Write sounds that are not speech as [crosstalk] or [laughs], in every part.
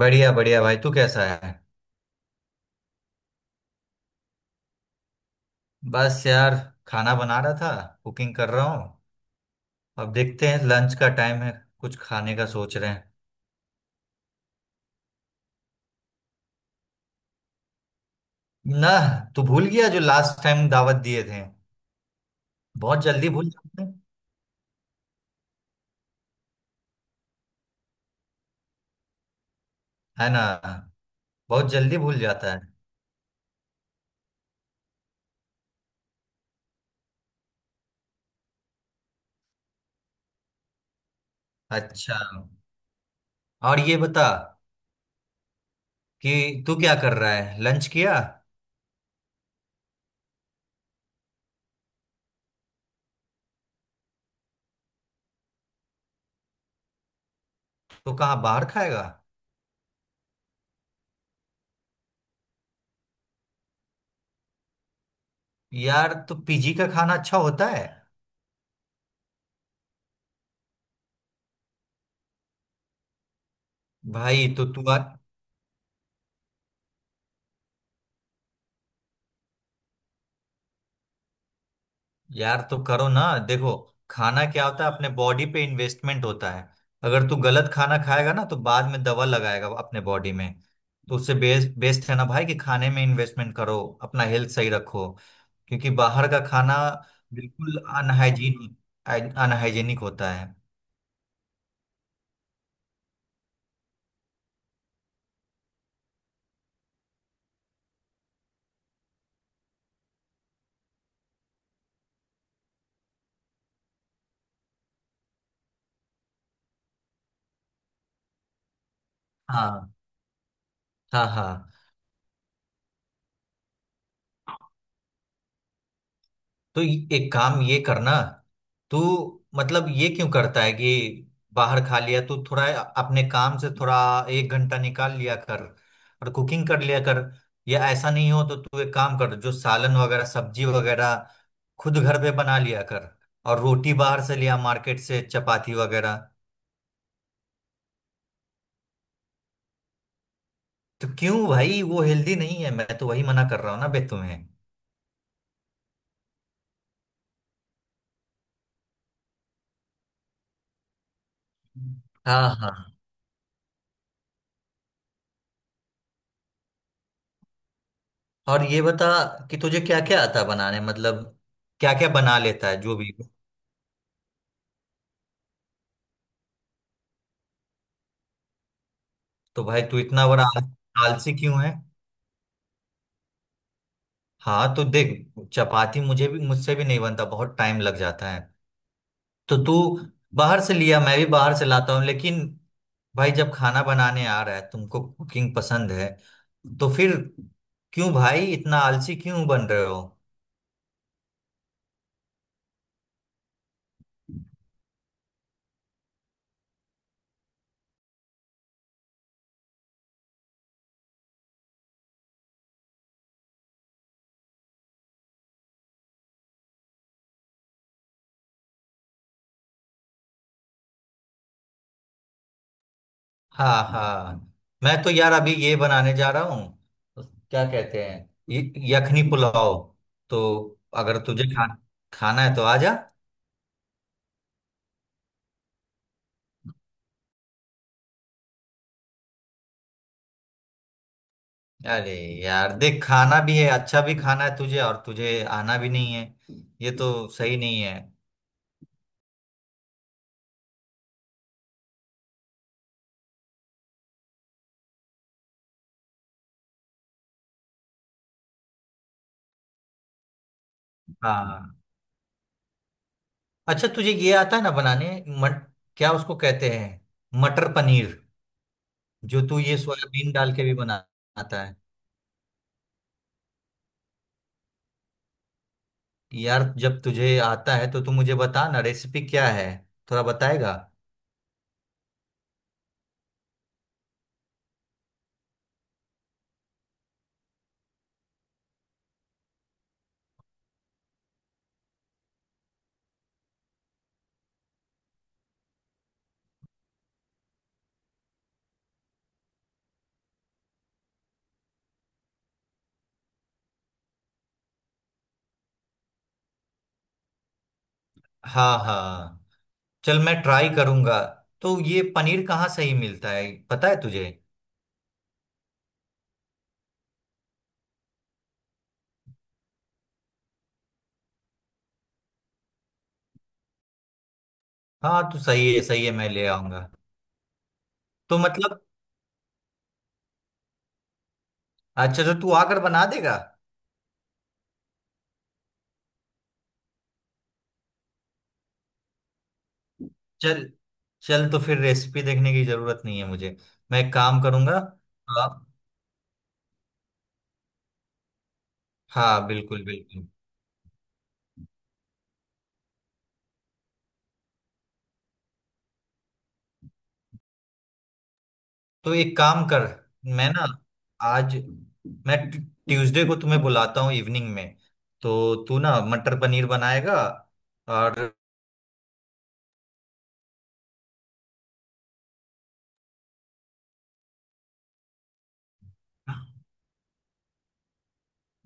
बढ़िया बढ़िया भाई, तू कैसा है। बस यार, खाना बना रहा था। कुकिंग कर रहा हूँ। अब देखते हैं, लंच का टाइम है, कुछ खाने का सोच रहे हैं। ना, तू भूल गया जो लास्ट टाइम दावत दिए थे। बहुत जल्दी भूल जाते हैं। है ना। बहुत जल्दी भूल जाता है। अच्छा। और ये बता कि तू क्या कर रहा है, लंच किया। तो कहाँ बाहर खाएगा। यार तो पीजी का खाना अच्छा होता है। भाई तो तू आ। यार तो करो ना। देखो, खाना क्या होता है, अपने बॉडी पे इन्वेस्टमेंट होता है। अगर तू गलत खाना खाएगा ना, तो बाद में दवा लगाएगा अपने बॉडी में। तो उससे बेस्ट बेस्ट है ना भाई, कि खाने में इन्वेस्टमेंट करो, अपना हेल्थ सही रखो। क्योंकि बाहर का खाना बिल्कुल अनहाइजीनिक अनहाइजीनिक होता है। हाँ, हाँ, हाँ। तो एक काम ये करना। तू, मतलब ये क्यों करता है कि बाहर खा लिया तू थोड़ा, अपने काम से थोड़ा एक घंटा निकाल लिया कर और कुकिंग कर लिया कर। या ऐसा नहीं हो तो तू एक काम कर, जो सालन वगैरह सब्जी वगैरह खुद घर पे बना लिया कर, और रोटी बाहर से लिया मार्केट से, चपाती वगैरह। तो क्यों भाई, वो हेल्दी नहीं है, मैं तो वही मना कर रहा हूँ ना बे तुम्हें। हाँ हाँ। और ये बता कि तुझे क्या क्या आता है बनाने, मतलब क्या क्या बना लेता है जो भी। तो भाई तू इतना बड़ा आलसी क्यों है। हाँ तो देख, चपाती मुझे भी मुझसे भी नहीं बनता, बहुत टाइम लग जाता है। तो तू बाहर से लिया, मैं भी बाहर से लाता हूँ, लेकिन भाई जब खाना बनाने आ रहा है, तुमको कुकिंग पसंद है, तो फिर क्यों भाई, इतना आलसी क्यों बन रहे हो। हाँ हाँ। मैं तो यार अभी ये बनाने जा रहा हूँ, क्या कहते हैं, यखनी पुलाव। तो अगर खाना है तो आ जा। अरे यार देख, खाना भी है, अच्छा भी खाना है तुझे, और तुझे आना भी नहीं है। ये तो सही नहीं है। हाँ। अच्छा तुझे ये आता है ना बनाने, मट क्या उसको कहते हैं, मटर पनीर। जो तू ये सोयाबीन डाल के भी बनाता है। यार जब तुझे आता है तो तू मुझे बता ना, रेसिपी क्या है, थोड़ा बताएगा। हाँ हाँ, चल मैं ट्राई करूंगा। तो ये पनीर कहाँ सही मिलता है, पता है तुझे। हाँ तो सही है, सही है, मैं ले आऊंगा। तो मतलब अच्छा, तो तू आकर बना देगा। चल, चल तो फिर रेसिपी देखने की जरूरत नहीं है मुझे। मैं एक काम करूंगा तो आप। हाँ बिल्कुल बिल्कुल। तो एक काम कर, मैं ना, आज, मैं ट्यूसडे को तुम्हें बुलाता हूँ इवनिंग में। तो तू ना मटर पनीर बनाएगा। और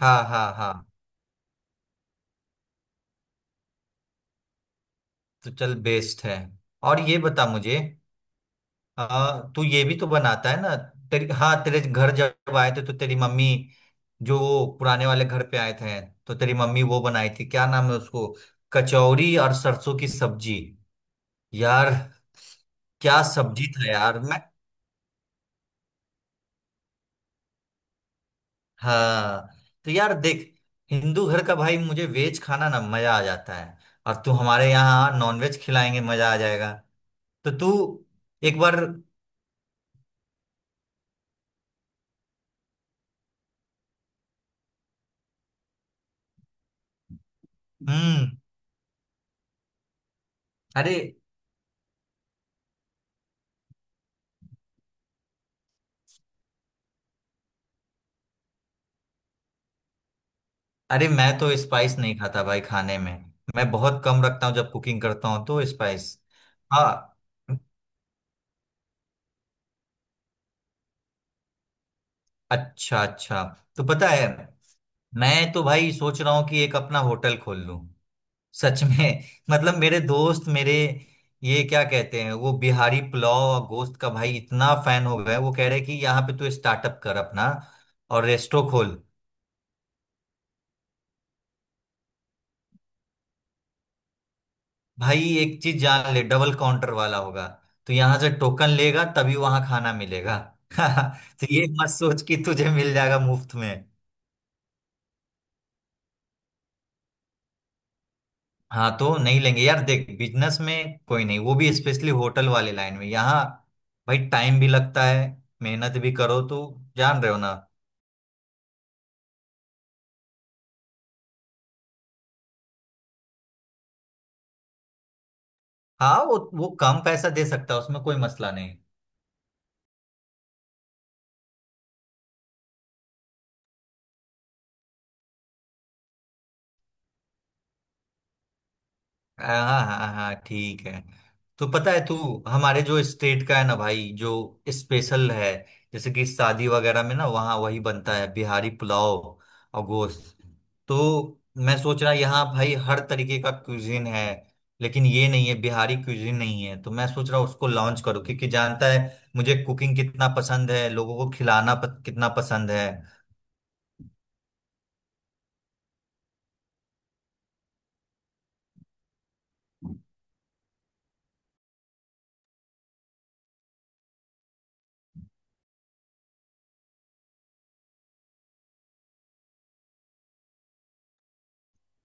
हाँ हाँ हाँ। तो चल बेस्ट है। और ये बता मुझे, हाँ, तू ये भी तो बनाता है ना। तेरी, हाँ, तेरे घर जब आए थे तो तेरी मम्मी, जो वो पुराने वाले घर पे आए थे, तो तेरी मम्मी वो बनाई थी, क्या नाम है उसको, कचौरी और सरसों की सब्जी। यार क्या सब्जी था यार मैं। हाँ। तो यार देख, हिंदू घर का भाई, मुझे वेज खाना ना मजा आ जाता है। और तू हमारे यहाँ नॉनवेज खिलाएंगे, मजा आ जाएगा। तो तू एक बार। हम्म। अरे अरे मैं तो स्पाइस नहीं खाता भाई खाने में, मैं बहुत कम रखता हूँ जब कुकिंग करता हूँ तो स्पाइस। हाँ। अच्छा अच्छा। तो पता है, मैं तो भाई सोच रहा हूँ कि एक अपना होटल खोल लूँ, सच में। [laughs] मतलब मेरे दोस्त, मेरे ये क्या कहते हैं, वो बिहारी पुलाव और गोश्त का भाई इतना फैन हो गया है, वो कह रहे हैं कि यहाँ पे तू स्टार्टअप कर अपना और रेस्टो खोल। भाई एक चीज जान ले, डबल काउंटर वाला होगा, तो यहाँ से टोकन लेगा तभी वहां खाना मिलेगा। [laughs] तो ये मत सोच कि तुझे मिल जाएगा मुफ्त में। हाँ तो नहीं लेंगे यार, देख बिजनेस में कोई नहीं, वो भी स्पेशली होटल वाले लाइन में यहाँ, भाई टाइम भी लगता है, मेहनत भी करो तो, जान रहे हो ना। हाँ वो कम पैसा दे सकता है, उसमें कोई मसला नहीं। हाँ हाँ हाँ हाँ, ठीक है। तो पता है तू, हमारे जो स्टेट का है ना भाई, जो स्पेशल है, जैसे कि शादी वगैरह में ना, वहाँ वही बनता है, बिहारी पुलाव और गोश्त। तो मैं सोच रहा, यहाँ भाई हर तरीके का क्यूजिन है, लेकिन ये नहीं है, बिहारी क्यूजिन नहीं है, तो मैं सोच रहा उसको लॉन्च करूँ, क्योंकि जानता है मुझे कुकिंग कितना पसंद है, लोगों को खिलाना कितना पसंद है।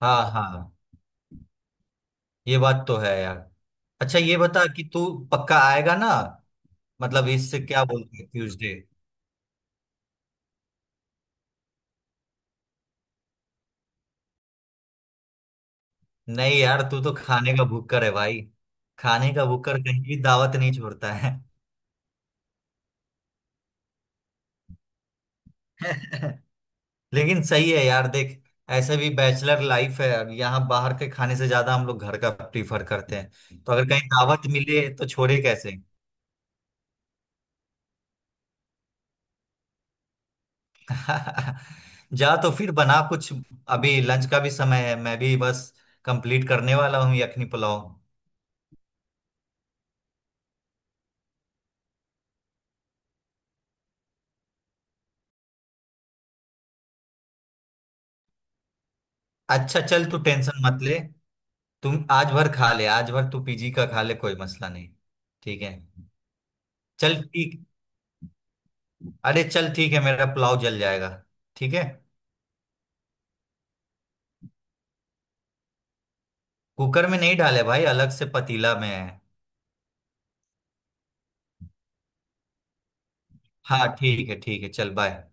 हाँ हाँ, ये बात तो है यार। अच्छा ये बता कि तू पक्का आएगा ना। मतलब इससे क्या बोलते हैं, ट्यूसडे। नहीं यार, तू तो खाने का भुक्कर है भाई, खाने का भुक्कर, कहीं भी दावत नहीं छोड़ता है। [laughs] लेकिन सही है यार, देख ऐसे भी बैचलर लाइफ है, अब यहाँ बाहर के खाने से ज्यादा हम लोग घर का प्रीफर करते हैं, तो अगर कहीं दावत मिले तो छोड़े कैसे। [laughs] जा तो फिर बना कुछ, अभी लंच का भी समय है, मैं भी बस कंप्लीट करने वाला हूँ यखनी पुलाव। अच्छा चल तू टेंशन मत ले, तुम आज भर खा ले, आज भर तू पीजी का खा ले, कोई मसला नहीं। ठीक है, चल ठीक। अरे चल ठीक है, मेरा पुलाव जल जाएगा। ठीक है। कुकर में नहीं डाले भाई, अलग से पतीला में है। हाँ ठीक है, ठीक है, चल बाय।